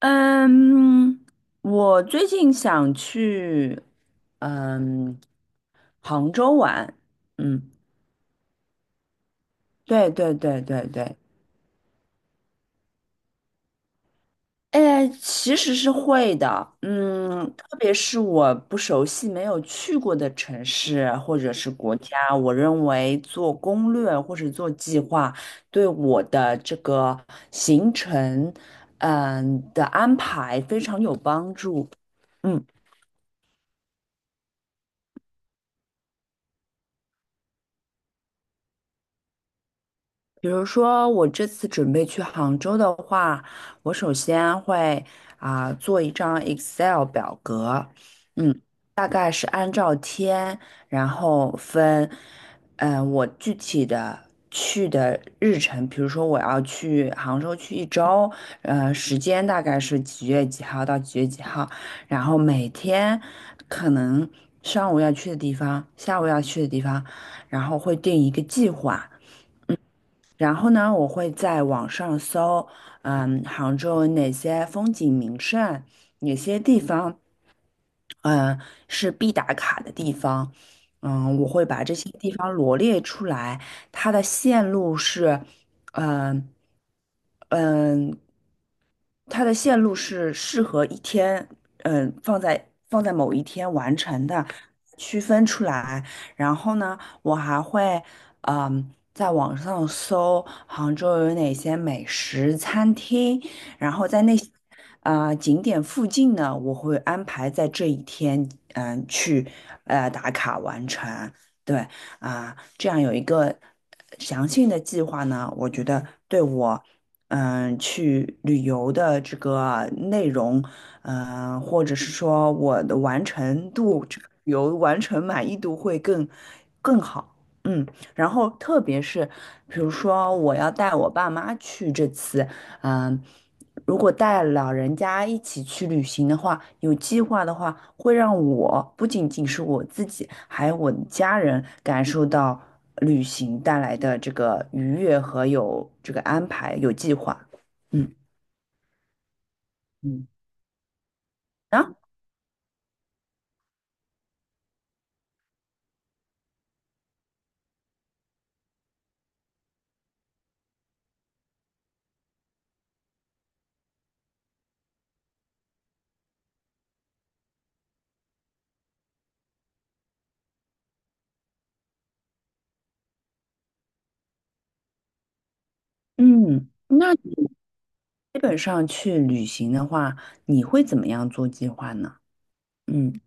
嗯，我最近想去嗯杭州玩，嗯，对对对对对，哎，其实是会的，嗯，特别是我不熟悉、没有去过的城市或者是国家，我认为做攻略或者做计划，对我的这个行程，的安排非常有帮助，嗯。比如说，我这次准备去杭州的话，我首先会做一张 Excel 表格，嗯，大概是按照天，然后分，我具体的去的日程，比如说我要去杭州去一周，时间大概是几月几号到几月几号，然后每天可能上午要去的地方，下午要去的地方，然后会定一个计划。然后呢，我会在网上搜，嗯，杭州有哪些风景名胜，哪些地方，嗯，是必打卡的地方。嗯，我会把这些地方罗列出来，它的线路是，嗯嗯，它的线路是适合一天，嗯，放在某一天完成的，区分出来。然后呢，我还会，嗯，在网上搜杭州有哪些美食餐厅，然后在那些景点附近呢，我会安排在这一天，嗯，去打卡完成。对啊，这样有一个详细的计划呢，我觉得对我。嗯，去旅游的这个内容，或者是说我的完成度，这个旅游完成满意度会更好。嗯，然后特别是比如说我要带我爸妈去这次，嗯，如果带老人家一起去旅行的话，有计划的话，会让我不仅仅是我自己，还有我的家人感受到旅行带来的这个愉悦和有这个安排、有计划。嗯嗯啊，嗯，那你基本上去旅行的话，你会怎么样做计划呢？嗯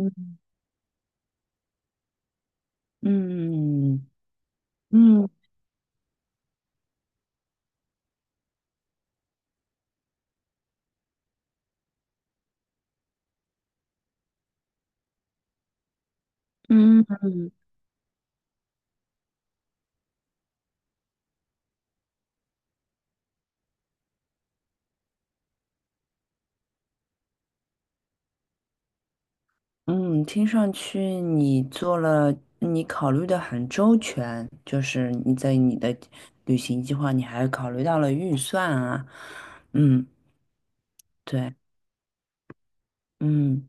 嗯嗯嗯嗯。嗯，听上去你做了，你考虑的很周全，就是你在你的旅行计划，你还考虑到了预算啊，嗯，对，嗯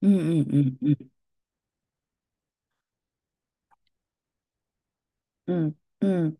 嗯嗯嗯嗯嗯嗯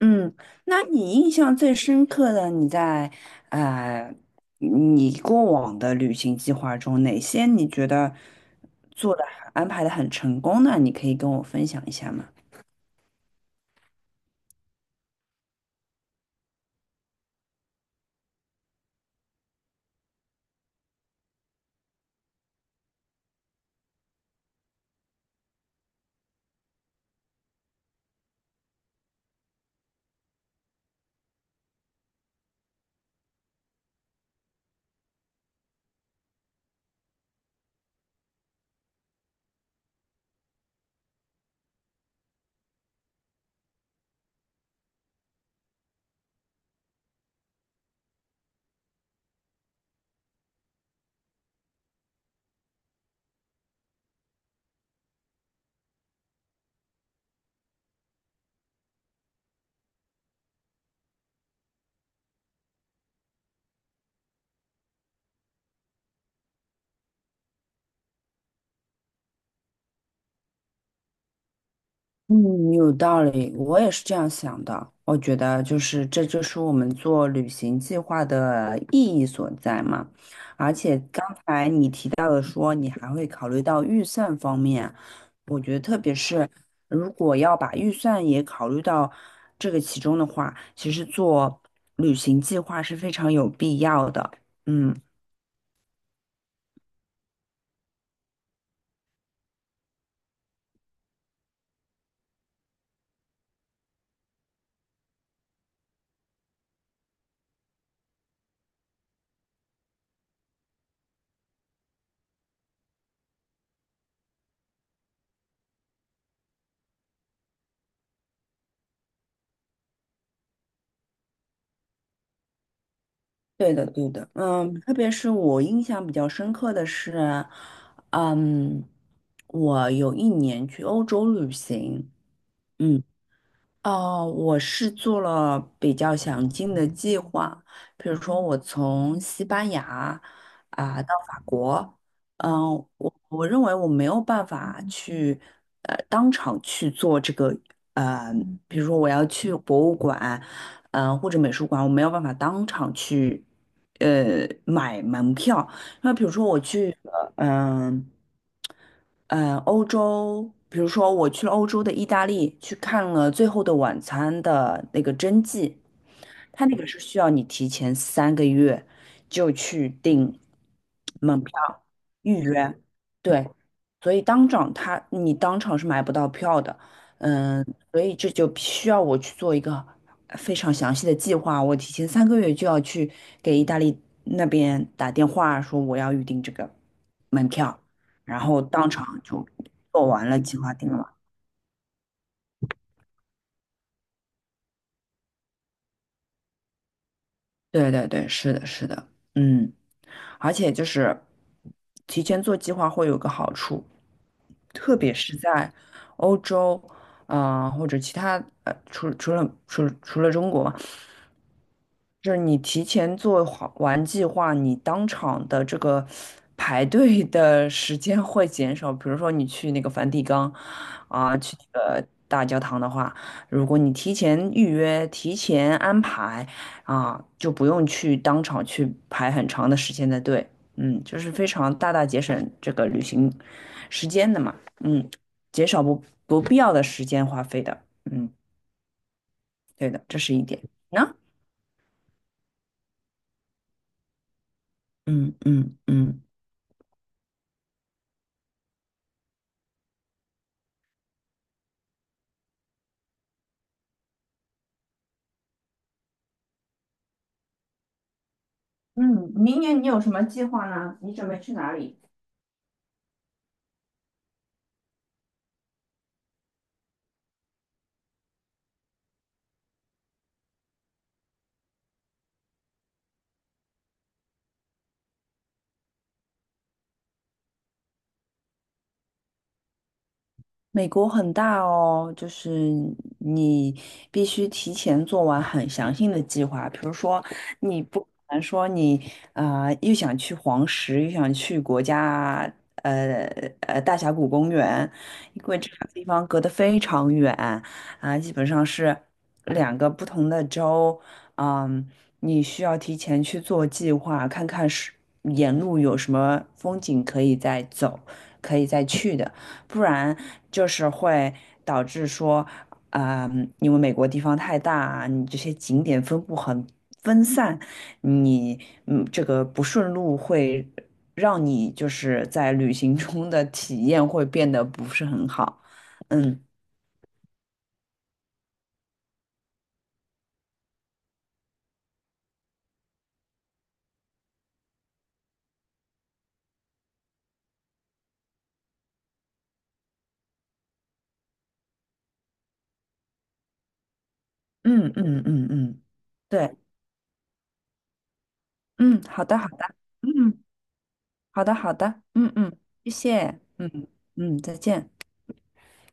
嗯，那你印象最深刻的，你在呃你过往的旅行计划中，哪些你觉得做的安排的很成功呢？你可以跟我分享一下吗？嗯，有道理，我也是这样想的。我觉得这就是我们做旅行计划的意义所在嘛。提到了说你还会考虑到预算方面，我觉得特别是如果要把预算也考虑到这个其中的话，其实做旅行计划是非常有必要的。嗯，对的，对的。嗯，特别是我印象比较深刻的是，嗯，我有一年去欧洲旅行。嗯，哦，我是做了比较详尽的计划，比如说我从西班牙到法国，嗯、我认为我没有办法去当场去做这个，呃，比如说我要去博物馆，或者美术馆，我没有办法当场去买门票。那比如说我去嗯、嗯，呃欧洲，比如说我去了欧洲的意大利，去看了《最后的晚餐》的那个真迹，它那个是需要你提前三个月就去订门票预约，对，所以当场他你当场是买不到票的，嗯，所以这就需要我去做一个非常详细的计划，我提前三个月就要去给意大利那边打电话说我要预定这个门票，然后当场就做完了计划定了。对对对，是的，是的，嗯。而且就是提前做计划会有个好处，特别是在欧洲，或者其他除了中国就是你提前做好完计划，你当场的这个排队的时间会减少。比如说你去那个梵蒂冈啊，去那个大教堂的话，如果你提前预约、提前安排啊，就不用去当场去排很长的时间的队。嗯，就是非常大大节省这个旅行时间的嘛。嗯，减少不必要的时间花费的。嗯，对的，这是一点。那嗯嗯。嗯月你有什么计划呢？你准备去哪里？美国很大哦，就是你必须提前做完很详细的计划。比如说，你不可能说你又想去黄石，又想去呃大峡谷公园，因为这两个地方隔得非常远基本上是两个不同的州。嗯，你需要提前去做计划，看看是沿路有什么风景可以再走，可以再去的。不然就是会导致说，啊、因为美国地方太大啊，你这些景点分布很分散，你这个不顺路会让你就是在旅行中的体验会变得不是很好。嗯嗯嗯嗯嗯，对，嗯，好的好的，嗯，好的好的，嗯嗯，谢谢，嗯嗯，再见。